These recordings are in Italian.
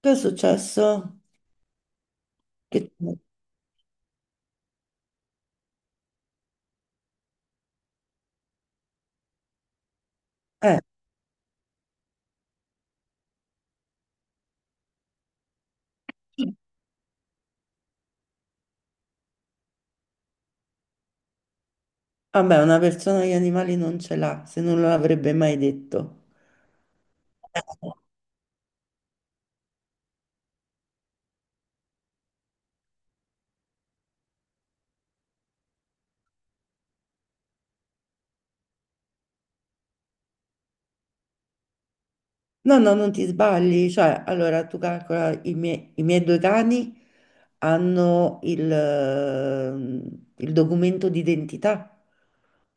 Che è successo? Che... Eh, vabbè, una persona gli animali non ce l'ha, se non l'avrebbe mai detto. No, no, non ti sbagli, cioè, allora tu calcola i miei due cani hanno il documento d'identità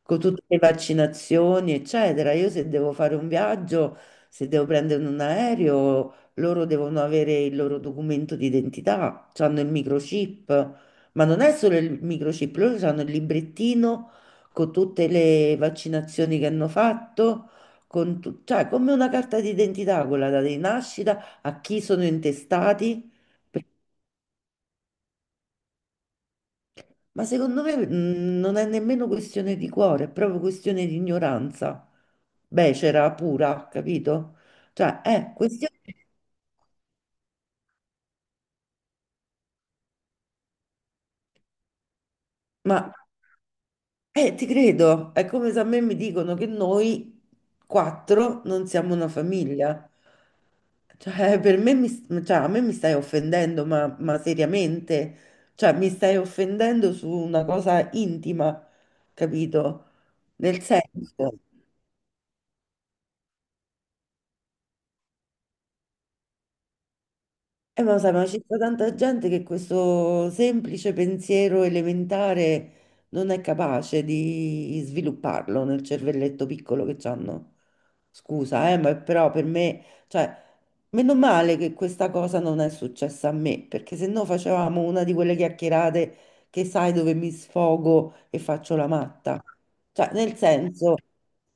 con tutte le vaccinazioni, eccetera. Io se devo fare un viaggio, se devo prendere un aereo, loro devono avere il loro documento d'identità, hanno il microchip, ma non è solo il microchip, loro hanno il librettino con tutte le vaccinazioni che hanno fatto con cioè come una carta d'identità quella data di nascita, a chi sono intestati, ma secondo me non è nemmeno questione di cuore, è proprio questione di ignoranza becera pura, capito? Cioè è questione, ma ti credo, è come se a me mi dicono che noi quattro non siamo una famiglia. Cioè, per me mi, cioè, a me mi stai offendendo, ma seriamente, cioè, mi stai offendendo su una cosa intima, capito? Nel senso. Ma lo sai, ma ci sta tanta gente che questo semplice pensiero elementare non è capace di svilupparlo nel cervelletto piccolo che hanno. Scusa, ma però per me, cioè, meno male che questa cosa non è successa a me, perché se no facevamo una di quelle chiacchierate che sai dove mi sfogo e faccio la matta. Cioè, nel senso,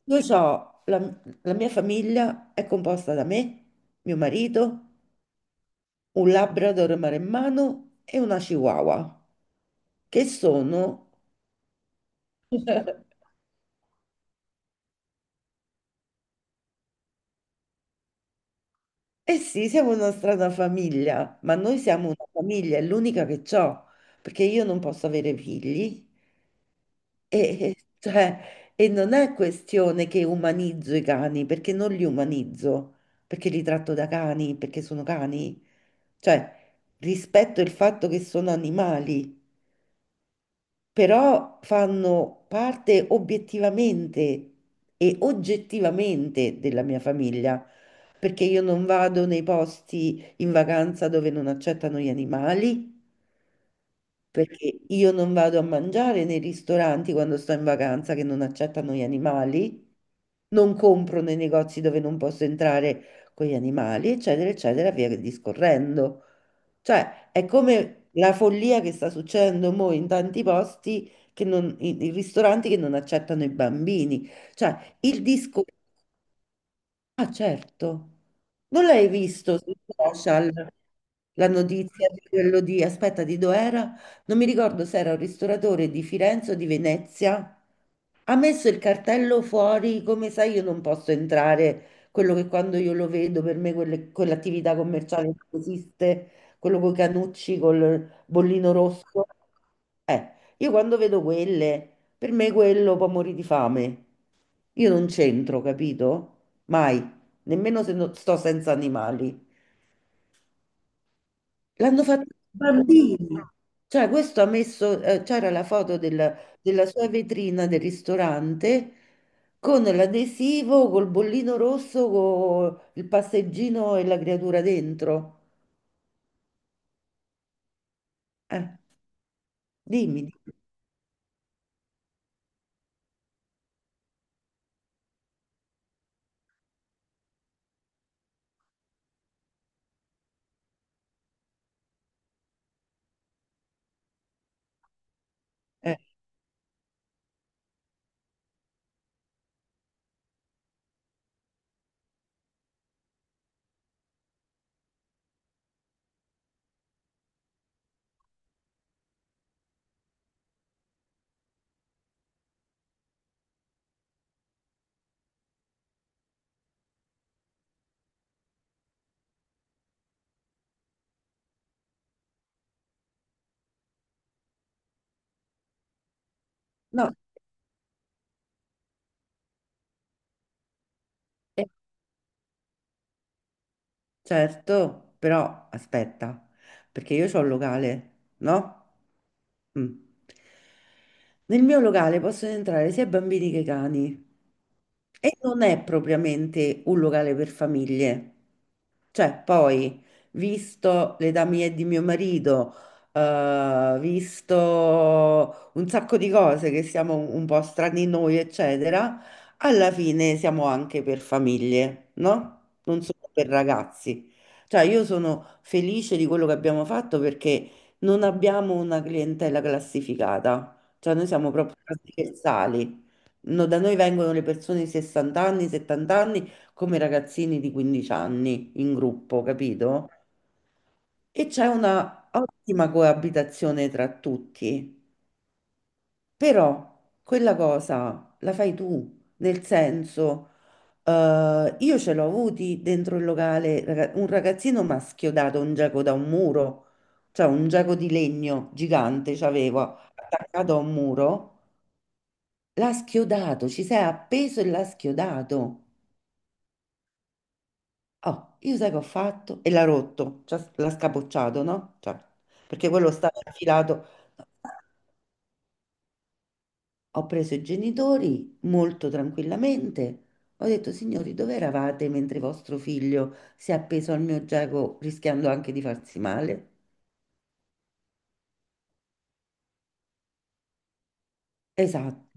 io ho la mia famiglia è composta da me, mio marito un Labrador maremmano e una Chihuahua, che sono... Eh sì, siamo una strana famiglia, ma noi siamo una famiglia, è l'unica che ho, perché io non posso avere figli e, cioè, e non è questione che umanizzo i cani, perché non li umanizzo, perché li tratto da cani, perché sono cani, cioè rispetto il fatto che sono animali. Però fanno parte obiettivamente e oggettivamente della mia famiglia, perché io non vado nei posti in vacanza dove non accettano gli animali, perché io non vado a mangiare nei ristoranti quando sto in vacanza che non accettano gli animali, non compro nei negozi dove non posso entrare con gli animali, eccetera, eccetera, via discorrendo. Cioè, è come la follia che sta succedendo mo in tanti posti, che non, i ristoranti che non accettano i bambini. Cioè, il discorso... Ah, certo. Non l'hai visto sui social la notizia di quello di, aspetta, di dov'era? Non mi ricordo se era un ristoratore di Firenze o di Venezia. Ha messo il cartello fuori, come sai, io non posso entrare. Quello che quando io lo vedo, per me quell'attività commerciale non esiste, quello con i canucci, col bollino rosso. Eh, io quando vedo quelle, per me quello può morire di fame. Io non c'entro, capito? Mai, nemmeno se sto senza animali. L'hanno fatto i bambini. Cioè, questo ha messo, c'era la foto della sua vetrina del ristorante con l'adesivo, col bollino rosso, con il passeggino e la creatura dentro. Eh, dimmi. Dimmi. Eh, no, eh, certo, però aspetta, perché io ho un locale, no? Mm. Nel mio locale possono entrare sia bambini che cani e non è propriamente un locale per famiglie. Cioè, poi, visto l'età mia e di mio marito, visto un sacco di cose che siamo un po' strani noi, eccetera, alla fine siamo anche per famiglie, no? Non solo per ragazzi. Cioè, io sono felice di quello che abbiamo fatto perché non abbiamo una clientela classificata. Cioè, noi siamo proprio trasversali. No, da noi vengono le persone di 60 anni, 70 anni, come i ragazzini di 15 anni in gruppo, capito? E c'è una ottima coabitazione tra tutti. Però quella cosa la fai tu, nel senso. Io ce l'ho avuti dentro il locale un ragazzino mi ha schiodato un giaco da un muro, cioè un giaco di legno gigante c'avevo attaccato a un muro. L'ha schiodato, ci sei appeso e l'ha schiodato. Oh, io sai che ho fatto? E l'ha rotto, cioè l'ha scapocciato, no? Cioè, perché quello stava infilato. Ho preso i genitori molto tranquillamente. Ho detto, signori, dove eravate mentre vostro figlio si è appeso al mio giago rischiando anche di farsi male? Esatto,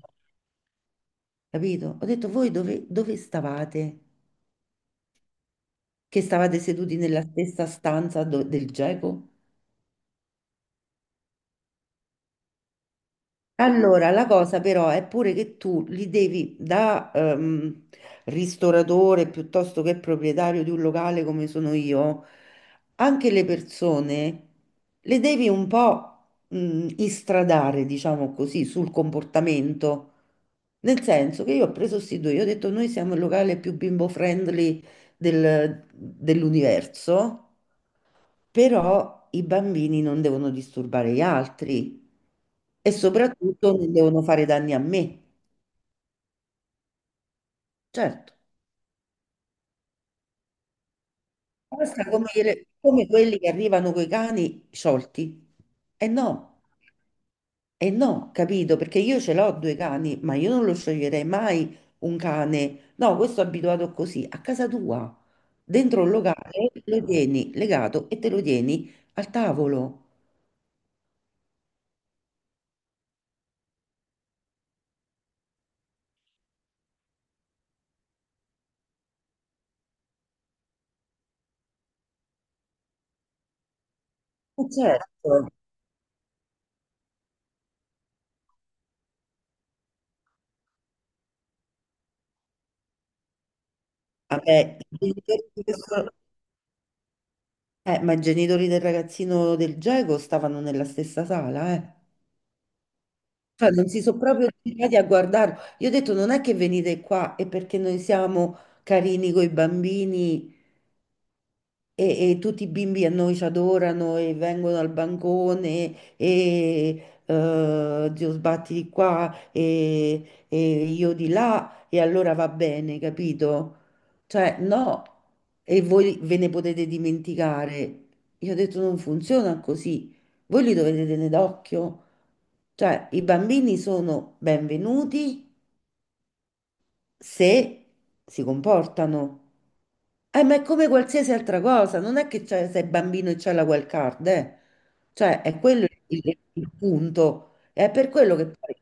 capito? Ho detto, voi dove, dove stavate? Che stavate seduti nella stessa stanza del giago? Allora, la cosa però è pure che tu li devi da ristoratore piuttosto che proprietario di un locale come sono io, anche le persone le devi un po' istradare, diciamo così, sul comportamento. Nel senso che io ho preso sti due, io ho detto noi siamo il locale più bimbo friendly dell'universo, però i bambini non devono disturbare gli altri e soprattutto non devono fare danni a me. Certo, basta come, come quelli che arrivano coi cani sciolti. E no. E no, capito? Perché io ce l'ho due cani, ma io non lo scioglierei mai un cane. No, questo è abituato così, a casa tua, dentro un locale, lo tieni legato e te lo tieni al tavolo. Certo. Vabbè, i genitori di ma i genitori del ragazzino del Geco stavano nella stessa sala, eh. Cioè, non si sono proprio girati a guardarlo. Io ho detto, non è che venite qua e perché noi siamo carini coi bambini, e tutti i bimbi a noi ci adorano e vengono al bancone e zio sbatti di qua e io di là e allora va bene, capito? Cioè, no, e voi ve ne potete dimenticare. Io ho detto non funziona così, voi li dovete tenere d'occhio. Cioè, i bambini sono benvenuti se si comportano. Ma è come qualsiasi altra cosa, non è che sei bambino e c'è la wild card, eh. Cioè, è quello il punto. È per quello che poi,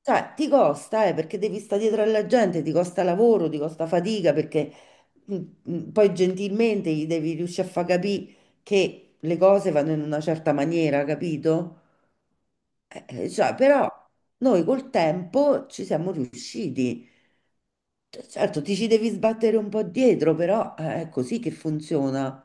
cioè, ti costa, perché devi stare dietro alla gente, ti costa lavoro, ti costa fatica, perché mm, poi gentilmente gli devi riuscire a far capire che le cose vanno in una certa maniera, capito? Cioè, però noi col tempo ci siamo riusciti. Certo, ti ci devi sbattere un po' dietro, però è così che funziona.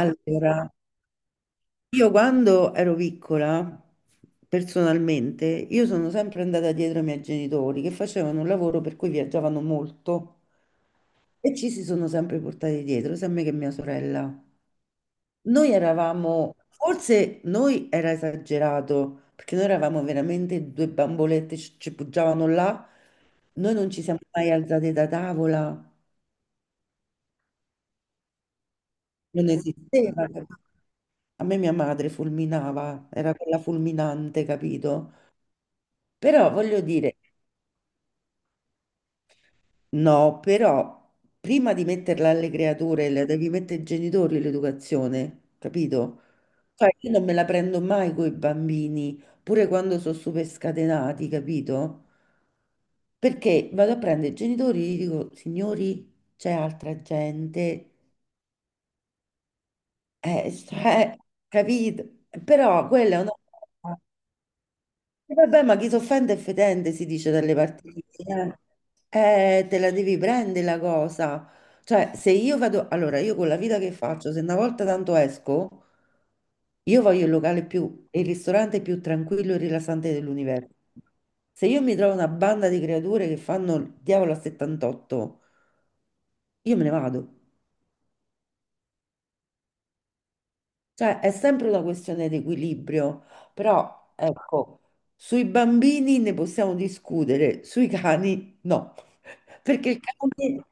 Allora, io quando ero piccola, personalmente, io sono sempre andata dietro ai miei genitori che facevano un lavoro per cui viaggiavano molto e ci si sono sempre portati dietro, sia me che mia sorella. Noi eravamo, forse noi era esagerato, perché noi eravamo veramente due bambolette, ci poggiavano là, noi non ci siamo mai alzate da tavola. Non esisteva. Capito? A me mia madre fulminava, era quella fulminante, capito? Però voglio dire, no, però prima di metterla alle creature, la devi mettere ai genitori l'educazione, capito? Cioè, io non me la prendo mai con i bambini, pure quando sono super scatenati, capito? Perché vado a prendere i genitori e gli dico, signori, c'è altra gente, cioè, capito? Però quella è una... E vabbè, ma chi s'offende è fedente, si dice dalle parti mie. Te la devi prendere la cosa. Cioè, se io vado, allora io con la vita che faccio, se una volta tanto esco, io voglio il ristorante più tranquillo e rilassante dell'universo. Se io mi trovo una banda di creature che fanno il diavolo a 78, io me ne vado. Cioè, è sempre una questione di equilibrio, però ecco, sui bambini ne possiamo discutere, sui cani no, perché il cane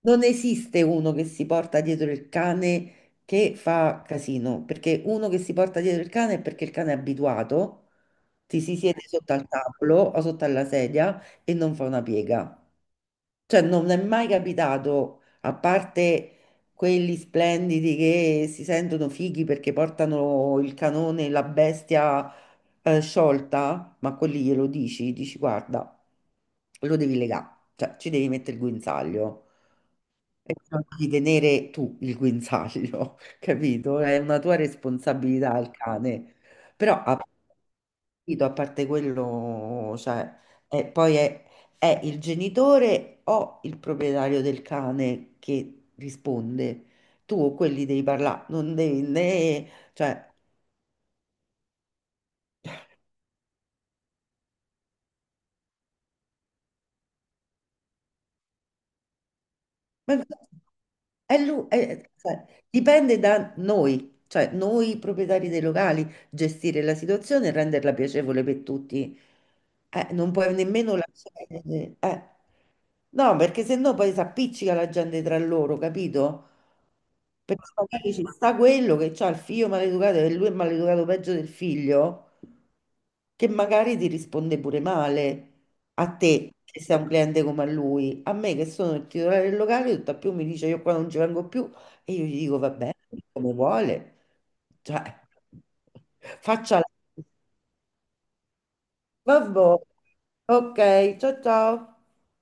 non esiste uno che si porta dietro il cane che fa casino, perché uno che si porta dietro il cane è perché il cane è abituato, ti si siede sotto al tavolo o sotto alla sedia e non fa una piega. Cioè, non è mai capitato, a parte quelli splendidi che si sentono fighi perché portano il canone, la bestia sciolta, ma quelli glielo dici, dici guarda, lo devi legare, cioè ci devi mettere il guinzaglio, non devi tenere tu il guinzaglio, capito? È una tua responsabilità il cane. Però a parte quello, cioè, è- poi è, è il genitore o il proprietario del cane che risponde. Tu o quelli devi parlare, non devi né... Cioè, ma- cioè, dipende da noi, cioè noi proprietari dei locali, gestire la situazione e renderla piacevole per tutti. Non puoi nemmeno lasciare.... No, perché sennò poi si appiccica la gente tra loro, capito? Perché magari ci sta quello che ha il figlio maleducato e lui è maleducato peggio del figlio, che magari ti risponde pure male a te che sei un cliente come a lui. A me che sono il titolare del locale, tutt'al più mi dice io qua non ci vengo più e io gli dico va bene, come vuole. Cioè, faccia la... Vabbè. Ok, ciao ciao.